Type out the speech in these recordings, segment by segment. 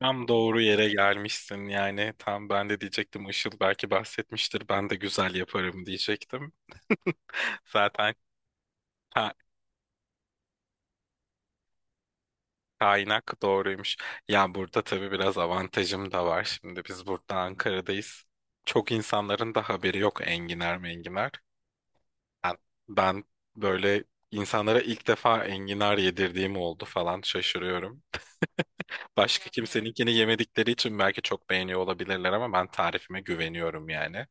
Tam doğru yere gelmişsin yani. Tam ben de diyecektim, Işıl belki bahsetmiştir. Ben de güzel yaparım diyecektim. Zaten ka- kaynak doğruymuş. Ya burada tabii biraz avantajım da var. Şimdi biz burada Ankara'dayız. Çok insanların da haberi yok enginar menginar. Ben, ben böyle insanlara ilk defa enginar yedirdiğim oldu falan, şaşırıyorum. Başka kimseninkini yemedikleri için belki çok beğeniyor olabilirler ama ben tarifime güveniyorum yani.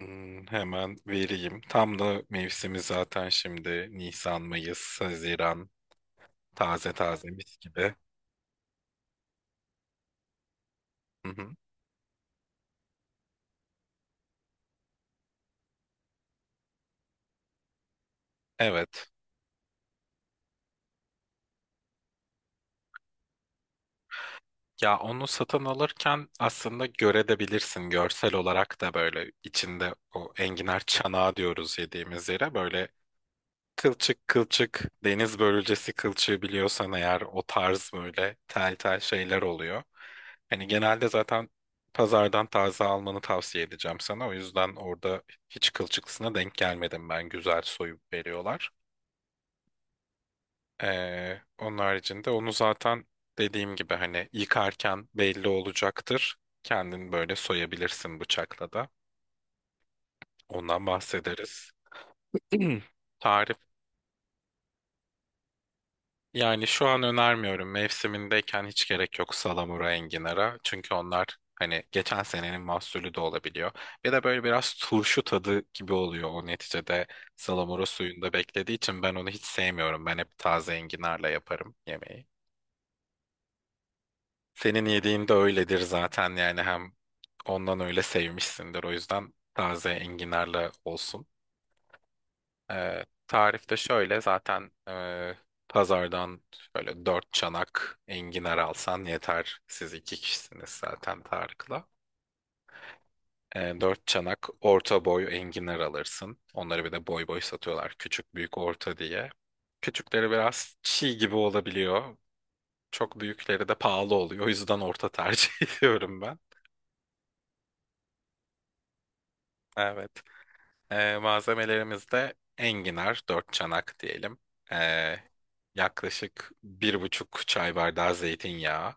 Hmm, hemen vereyim. Tam da mevsimi zaten, şimdi Nisan, Mayıs, Haziran, taze taze mis gibi. Hı hı. Evet. Ya onu satın alırken aslında görebilirsin, görsel olarak da, böyle içinde o enginar çanağı diyoruz yediğimiz yere, böyle kılçık kılçık, deniz börülcesi kılçığı biliyorsan eğer, o tarz böyle tel tel şeyler oluyor. Hani genelde zaten pazardan taze almanı tavsiye edeceğim sana. O yüzden orada hiç kılçıklısına denk gelmedim ben. Güzel soyup veriyorlar. Onun haricinde onu zaten dediğim gibi hani yıkarken belli olacaktır. Kendin böyle soyabilirsin bıçakla da. Ondan bahsederiz. Tarif, yani şu an önermiyorum. Mevsimindeyken hiç gerek yok salamura enginara. Çünkü onlar hani geçen senenin mahsulü de olabiliyor. Bir de böyle biraz turşu tadı gibi oluyor o, neticede salamura suyunda beklediği için ben onu hiç sevmiyorum. Ben hep taze enginarla yaparım yemeği. Senin yediğin de öyledir zaten yani, hem ondan öyle sevmişsindir, o yüzden taze enginarla olsun. Tarifte şöyle zaten, pazardan şöyle dört çanak enginar alsan yeter. Siz iki kişisiniz zaten Tarık'la. Dört çanak orta boy enginar alırsın. Onları bir de boy boy satıyorlar. Küçük, büyük, orta diye. Küçükleri biraz çiğ gibi olabiliyor. Çok büyükleri de pahalı oluyor. O yüzden orta tercih ediyorum ben. Evet. Malzemelerimizde enginar, dört çanak diyelim. Ee, Yaklaşık bir buçuk çay bardağı zeytinyağı.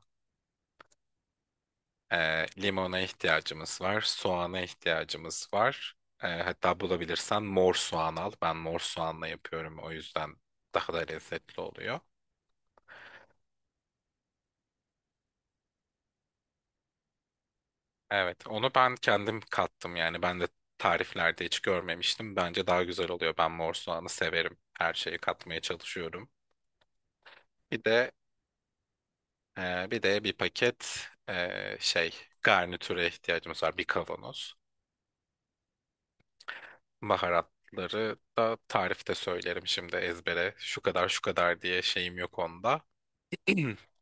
Limona ihtiyacımız var, soğana ihtiyacımız var. Hatta bulabilirsen mor soğan al. Ben mor soğanla yapıyorum, o yüzden daha da lezzetli oluyor. Evet, onu ben kendim kattım yani, ben de tariflerde hiç görmemiştim. Bence daha güzel oluyor. Ben mor soğanı severim. Her şeyi katmaya çalışıyorum. Bir de bir de bir paket şey, garnitüre ihtiyacımız var. Bir kavanoz. Baharatları da tarifte söylerim şimdi ezbere. Şu kadar şu kadar diye şeyim yok onda.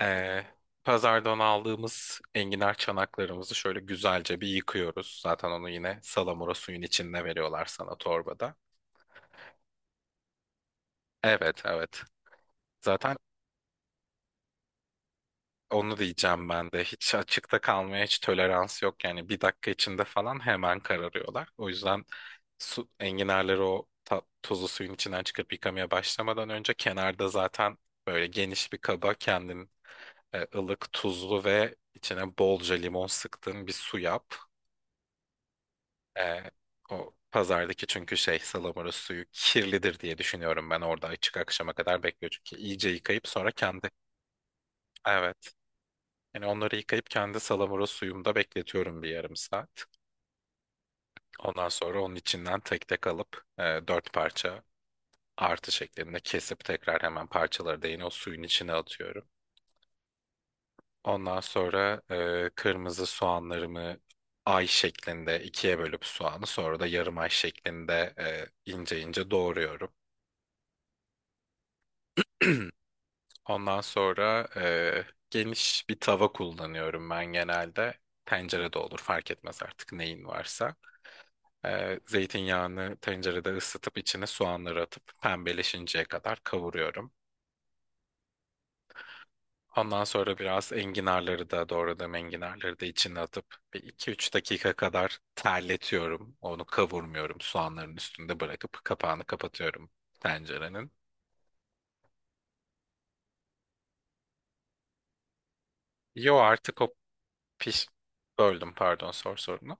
Ee, Pazardan aldığımız enginar çanaklarımızı şöyle güzelce bir yıkıyoruz. Zaten onu yine salamura suyun içinde veriyorlar sana torbada. Evet evet. Zaten onu diyeceğim ben de. Hiç açıkta kalmaya hiç tolerans yok. Yani bir dakika içinde falan hemen kararıyorlar. O yüzden su, enginarları o tuzlu suyun içinden çıkıp yıkamaya başlamadan önce kenarda zaten böyle geniş bir kaba kendin ılık, tuzlu ve içine bolca limon sıktığın bir su yap. E, O pazardaki çünkü şey, salamura suyu kirlidir diye düşünüyorum, ben orada açık akşama kadar bekliyor çünkü, iyice yıkayıp sonra kendi, evet, yani onları yıkayıp kendi salamura suyumda bekletiyorum bir yarım saat. Ondan sonra onun içinden tek tek alıp dört parça artı şeklinde kesip tekrar hemen parçaları da yine o suyun içine atıyorum. Ondan sonra kırmızı soğanlarımı ay şeklinde ikiye bölüp soğanı, sonra da yarım ay şeklinde ince ince doğruyorum. Ondan sonra geniş bir tava kullanıyorum ben genelde. Tencere de olur, fark etmez artık, neyin varsa. Zeytinyağını tencerede ısıtıp içine soğanları atıp pembeleşinceye kadar kavuruyorum. Ondan sonra biraz enginarları da, doğradığım enginarları da içine atıp bir 2-3 dakika kadar terletiyorum. Onu kavurmuyorum. Soğanların üstünde bırakıp kapağını kapatıyorum tencerenin. Yo, artık o piş... Böldüm, pardon, sor sorunu.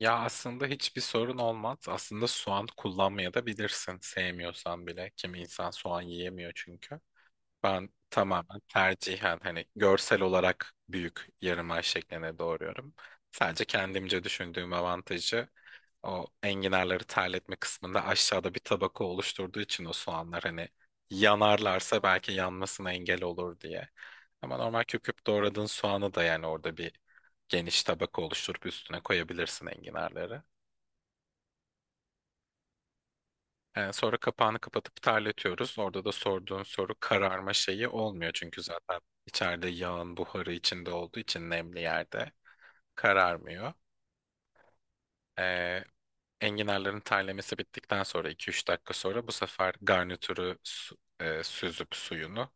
Ya aslında hiçbir sorun olmaz. Aslında soğan kullanmaya da bilirsin. Sevmiyorsan bile. Kimi insan soğan yiyemiyor çünkü. Ben tamamen tercihen hani görsel olarak büyük yarım ay şekline doğruyorum. Sadece kendimce düşündüğüm avantajı, o enginarları terletme kısmında aşağıda bir tabaka oluşturduğu için o soğanlar hani yanarlarsa belki yanmasına engel olur diye. Ama normal küp küp doğradığın soğanı da yani, orada bir geniş tabaka oluşturup üstüne koyabilirsin enginarları. Sonra kapağını kapatıp terletiyoruz. Orada da sorduğun soru, kararma şeyi olmuyor çünkü zaten içeride yağın buharı içinde olduğu için, nemli yerde kararmıyor. Ee, Enginarların terlemesi bittikten sonra, iki üç dakika sonra, bu sefer garnitürü süzüp suyunu,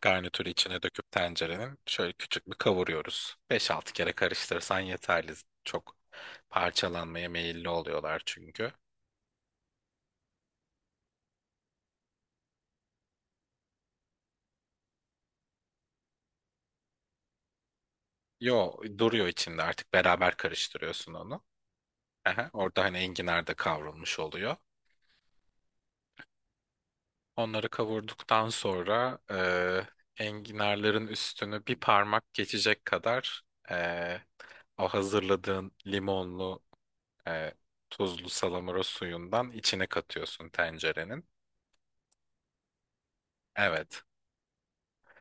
garnitürü içine döküp tencerenin şöyle küçük bir kavuruyoruz. Beş altı kere karıştırırsan yeterli. Çok parçalanmaya meyilli oluyorlar çünkü. Yo, duruyor içinde, artık beraber karıştırıyorsun onu. Aha, orada hani enginar da kavrulmuş oluyor. Onları kavurduktan sonra enginarların üstünü bir parmak geçecek kadar, e, o hazırladığın limonlu, e, tuzlu salamura suyundan içine katıyorsun tencerenin. Evet.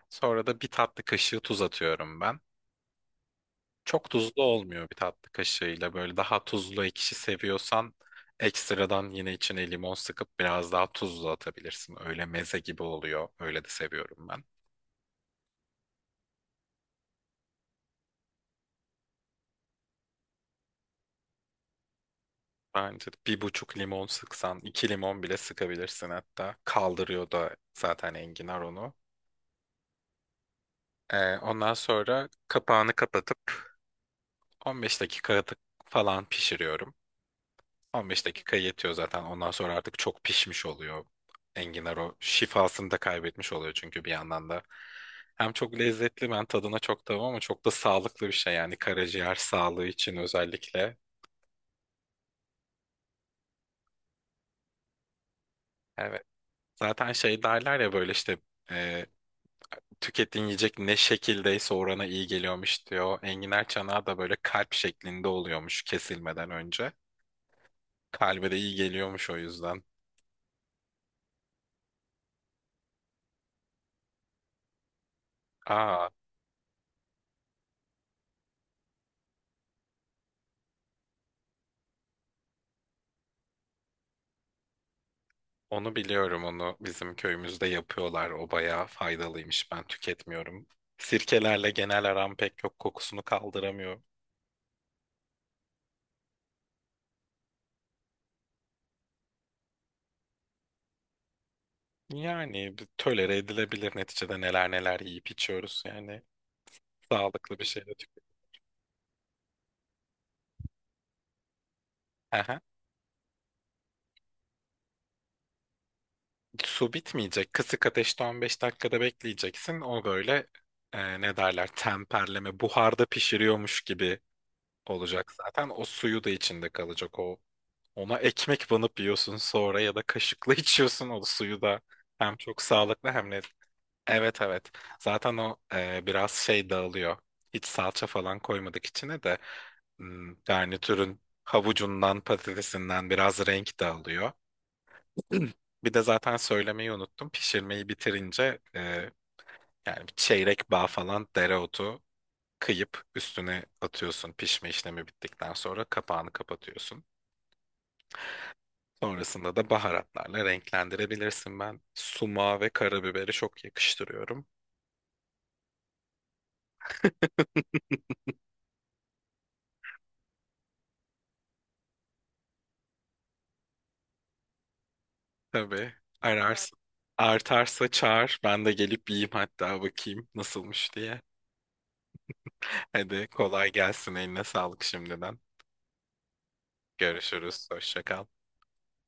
Sonra da bir tatlı kaşığı tuz atıyorum ben. Çok tuzlu olmuyor bir tatlı kaşığıyla. Böyle daha tuzlu ekşi seviyorsan ekstradan yine içine limon sıkıp biraz daha tuzlu atabilirsin. Öyle meze gibi oluyor. Öyle de seviyorum ben. Bence de bir buçuk limon sıksan, iki limon bile sıkabilirsin hatta. Kaldırıyor da zaten enginar onu. Ondan sonra kapağını kapatıp 15 dakika falan pişiriyorum. 15 dakika yetiyor zaten. Ondan sonra artık çok pişmiş oluyor. Enginar o şifasını da kaybetmiş oluyor çünkü bir yandan da. Hem çok lezzetli, ben tadına çok tamam, ama çok da sağlıklı bir şey yani, karaciğer sağlığı için özellikle. Evet. Zaten şey derler ya, böyle işte e, tükettiğin yiyecek ne şekildeyse orana iyi geliyormuş diyor. Enginar çanağı da böyle kalp şeklinde oluyormuş kesilmeden önce. Kalbe de iyi geliyormuş o yüzden. Aa. Onu biliyorum, onu bizim köyümüzde yapıyorlar, o bayağı faydalıymış, ben tüketmiyorum. Sirkelerle genel aram pek yok, kokusunu kaldıramıyor. Yani bir tolere edilebilir, neticede neler neler yiyip içiyoruz yani, sağlıklı bir şey de tüket. Aha. Su bitmeyecek, kısık ateşte 15 dakikada bekleyeceksin, o böyle ne derler, temperleme, buharda pişiriyormuş gibi olacak, zaten o suyu da içinde kalacak o. Ona ekmek banıp yiyorsun sonra, ya da kaşıkla içiyorsun o suyu da. Hem çok sağlıklı hem de... Evet evet. Zaten o biraz şey dağılıyor. Hiç salça falan koymadık içine de, hmm, garnitürün havucundan patatesinden biraz renk dağılıyor. Bir de zaten söylemeyi unuttum. Pişirmeyi bitirince, yani bir çeyrek bağ falan dereotu kıyıp üstüne atıyorsun, pişme işlemi bittikten sonra kapağını kapatıyorsun. Sonrasında da baharatlarla renklendirebilirsin. Ben sumağı ve karabiberi çok yakıştırıyorum. Tabii ararsın. Artarsa çağır, ben de gelip yiyeyim hatta, bakayım nasılmış diye. Hadi kolay gelsin. Eline sağlık şimdiden. Görüşürüz. Hoşça kal.